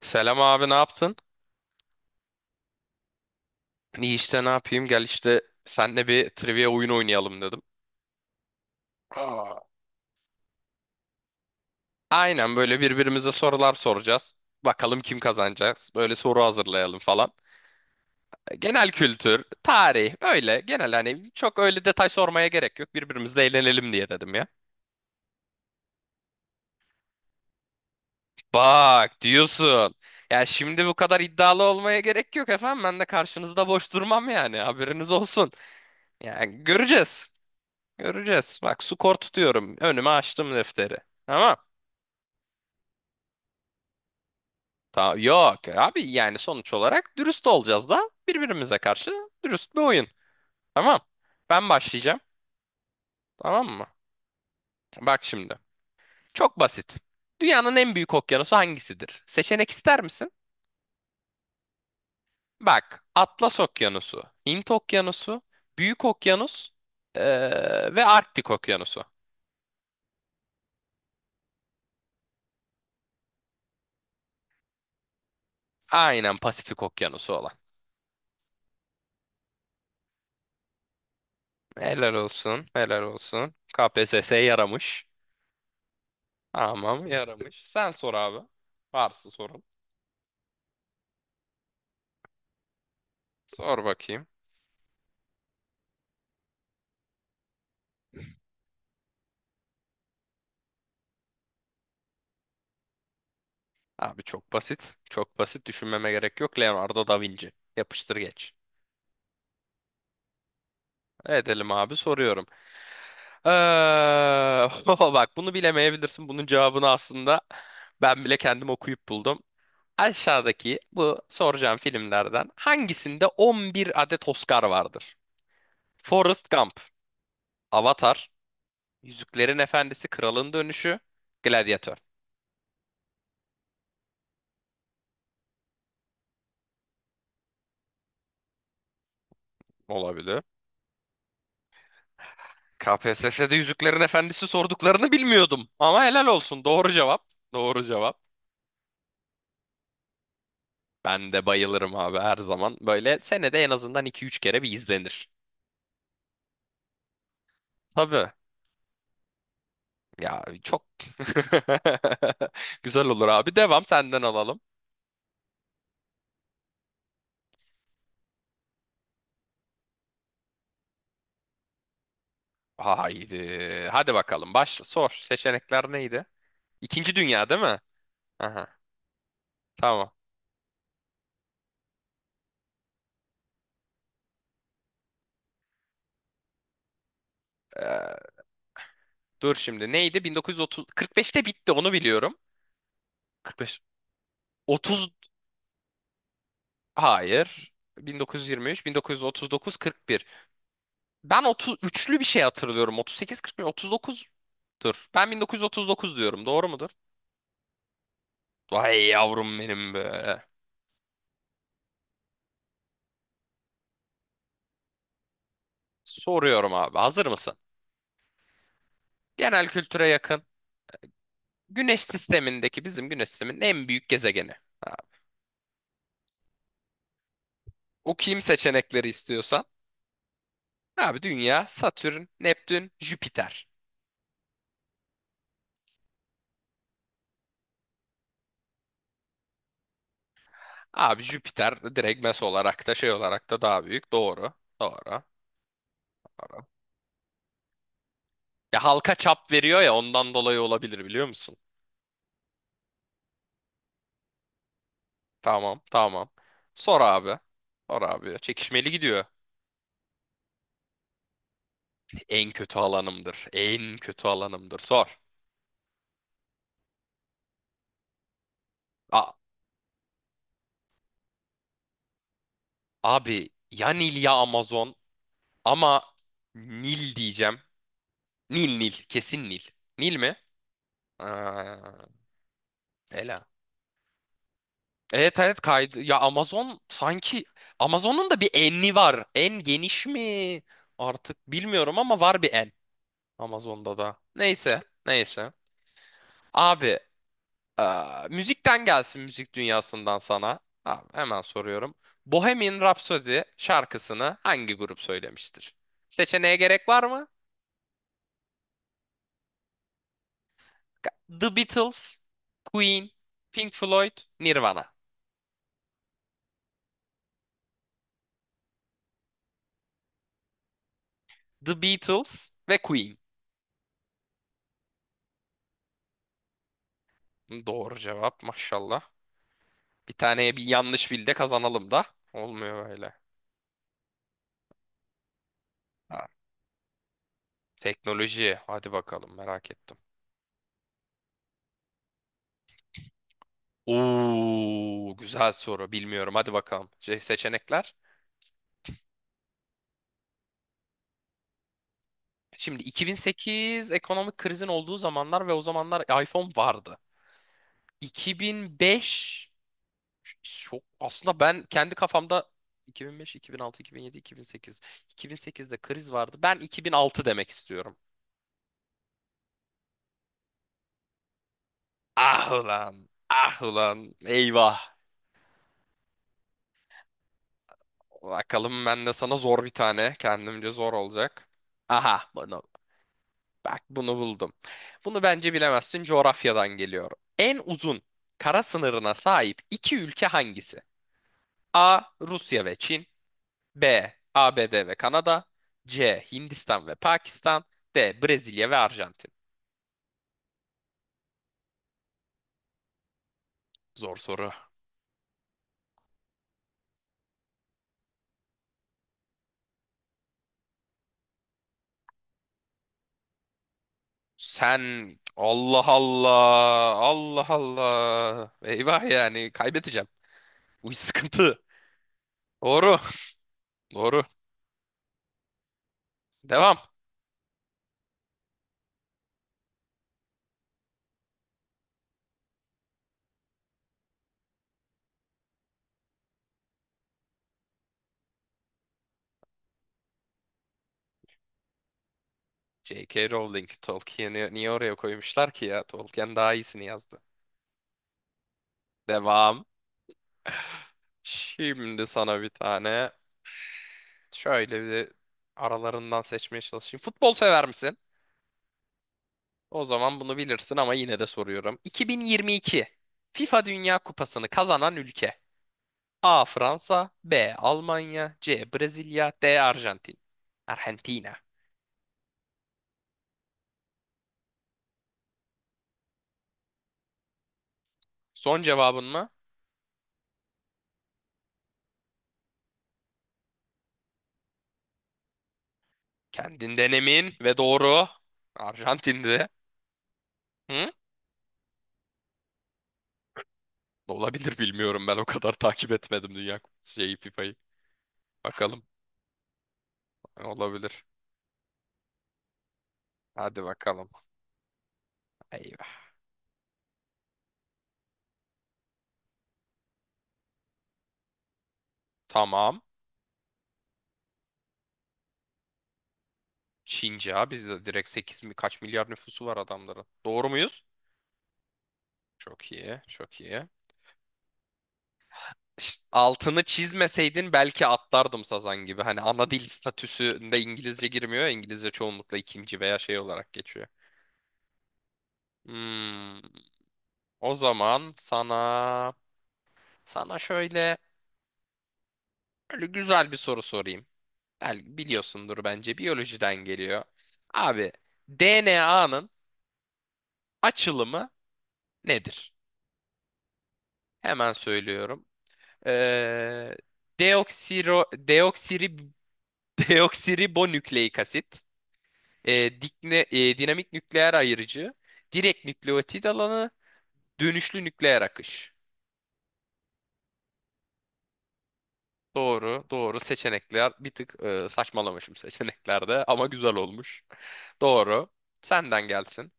Selam abi, ne yaptın? İyi işte, ne yapayım, gel işte senle bir trivia oyunu oynayalım dedim. Aa. Aynen, böyle birbirimize sorular soracağız. Bakalım kim kazanacağız. Böyle soru hazırlayalım falan. Genel kültür, tarih, öyle genel, hani çok öyle detay sormaya gerek yok. Birbirimizle eğlenelim diye dedim ya. Bak, diyorsun. Ya şimdi bu kadar iddialı olmaya gerek yok efendim. Ben de karşınızda boş durmam yani, haberiniz olsun. Yani, göreceğiz. Göreceğiz. Bak, skor tutuyorum. Önüme açtım defteri. Tamam. Ta yok abi, yani sonuç olarak dürüst olacağız da birbirimize karşı dürüst bir oyun. Tamam. Ben başlayacağım. Tamam mı? Bak şimdi. Çok basit. Dünyanın en büyük okyanusu hangisidir? Seçenek ister misin? Bak. Atlas Okyanusu, Hint Okyanusu, Büyük Okyanus ve Arktik Okyanusu. Aynen, Pasifik Okyanusu olan. Helal olsun, helal olsun. KPSS yaramış. Tamam, yaramış. Sen sor abi. Varsa soralım. Sor bakayım. Abi çok basit. Çok basit, düşünmeme gerek yok. Leonardo da Vinci. Yapıştır geç. Edelim abi, soruyorum. Ee, Bak, bunu bilemeyebilirsin. Bunun cevabını aslında ben bile kendim okuyup buldum. Aşağıdaki bu soracağım filmlerden hangisinde 11 adet Oscar vardır? Forrest Gump, Avatar, Yüzüklerin Efendisi, Kralın Dönüşü, Gladiator. Olabilir. KPSS'de Yüzüklerin Efendisi sorduklarını bilmiyordum. Ama helal olsun. Doğru cevap. Doğru cevap. Ben de bayılırım abi, her zaman. Böyle senede en azından iki üç kere bir izlenir. Tabii. Ya çok güzel olur abi. Devam, senden alalım. Haydi. Hadi bakalım. Başla. Sor. Seçenekler neydi? İkinci Dünya, değil mi? Aha. Tamam. Ee, Dur şimdi. Neydi? 1930, 45'te bitti, onu biliyorum. 45, 30. Hayır. 1923, 1939, 41. Ben 33'lü bir şey hatırlıyorum. 38, 41, 39'dur. Ben 1939 diyorum. Doğru mudur? Vay yavrum benim be. Soruyorum abi. Hazır mısın? Genel kültüre yakın. Güneş sistemindeki, bizim güneş sisteminin en büyük gezegeni. Ha, okuyayım seçenekleri istiyorsan. Abi, Dünya, Satürn, Neptün, Jüpiter. Abi Jüpiter direkt, mes olarak da şey olarak da daha büyük. Doğru. Doğru. Doğru. Ya halka çap veriyor, ya ondan dolayı olabilir, biliyor musun? Tamam, tamam. Sor abi. Sor abi. Çekişmeli gidiyor. En kötü alanımdır. En kötü alanımdır. Sor. A- Abi, ya Nil ya Amazon, ama Nil diyeceğim. Nil Nil. Kesin Nil. Nil mi? Aa, Ela. Evet evet, kaydı. Ya Amazon sanki, Amazon'un da bir enli var. En geniş mi? Artık bilmiyorum ama var bir en. Amazon'da da. Neyse. Neyse. Abi, müzikten gelsin, müzik dünyasından sana. Abi, hemen soruyorum. Bohemian Rhapsody şarkısını hangi grup söylemiştir? Seçeneğe gerek var mı? The Beatles, Queen, Pink Floyd, Nirvana. The Beatles ve Queen. Doğru cevap, maşallah. Bir taneye bir yanlış bildi, kazanalım da. Olmuyor böyle. Ha, teknoloji. Hadi bakalım, merak ettim. Oo, güzel soru. Bilmiyorum. Hadi bakalım. Seçenekler. Şimdi 2008 ekonomik krizin olduğu zamanlar ve o zamanlar iPhone vardı. 2005 çok, aslında ben kendi kafamda 2005, 2006, 2007, 2008. 2008'de kriz vardı. Ben 2006 demek istiyorum. Ah ulan. Ah ulan. Eyvah. Bakalım, ben de sana zor bir tane. Kendimce zor olacak. Aha, bunu, bak, bunu buldum. Bunu bence bilemezsin. Coğrafyadan geliyor. En uzun kara sınırına sahip iki ülke hangisi? A. Rusya ve Çin. B. ABD ve Kanada. C. Hindistan ve Pakistan. D. Brezilya ve Arjantin. Zor soru. Sen. Allah Allah. Allah Allah. Eyvah, yani kaybedeceğim. Bu sıkıntı. Doğru. Doğru. Devam. J.K. Rowling. Tolkien'i niye oraya koymuşlar ki ya? Tolkien daha iyisini yazdı. Devam. Şimdi sana bir tane şöyle bir, aralarından seçmeye çalışayım. Futbol sever misin? O zaman bunu bilirsin ama yine de soruyorum. 2022 FIFA Dünya Kupası'nı kazanan ülke. A. Fransa, B. Almanya, C. Brezilya, D. Arjantin. Arjantina. Son cevabın mı? Kendinden emin ve doğru. Arjantin'di. Hı? Olabilir, bilmiyorum, ben o kadar takip etmedim Dünya Kupası şeyi, FIFA'yı. Bakalım, olabilir. Hadi bakalım. Eyvah. Tamam. Çince abi, biz direkt 8 mi kaç milyar nüfusu var adamların. Doğru muyuz? Çok iyi, çok iyi. Altını çizmeseydin belki atlardım sazan gibi. Hani ana dil statüsünde İngilizce girmiyor ya, İngilizce çoğunlukla ikinci veya şey olarak geçiyor. Hmm, O zaman sana şöyle böyle güzel bir soru sorayım. Belki biliyorsundur, bence biyolojiden geliyor. Abi, DNA'nın açılımı nedir? Hemen söylüyorum. Ee, deoksiro, deoksiri, Deoksiribonükleik asit. Dinamik nükleer ayırıcı, direkt nükleotit alanı, dönüşlü nükleer akış. Doğru, doğru. Seçenekler bir tık, saçmalamışım seçeneklerde ama güzel olmuş. Doğru. Senden gelsin.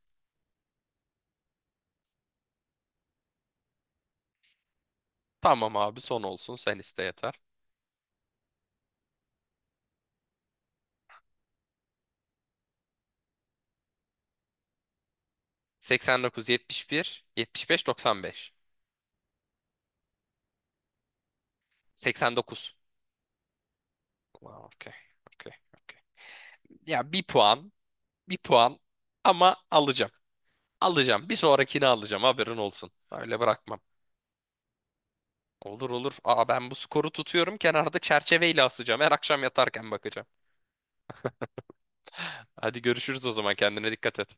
Tamam abi, son olsun, sen iste yeter. 89, 71, 75, 95. 89. Aa, okey. Okey. Okey. Ya bir puan, bir puan ama alacağım. Alacağım. Bir sonrakini alacağım. Haberin olsun. Öyle bırakmam. Olur olur. Aa, ben bu skoru tutuyorum. Kenarda çerçeveyle asacağım. Her akşam yatarken bakacağım. Hadi görüşürüz o zaman. Kendine dikkat et.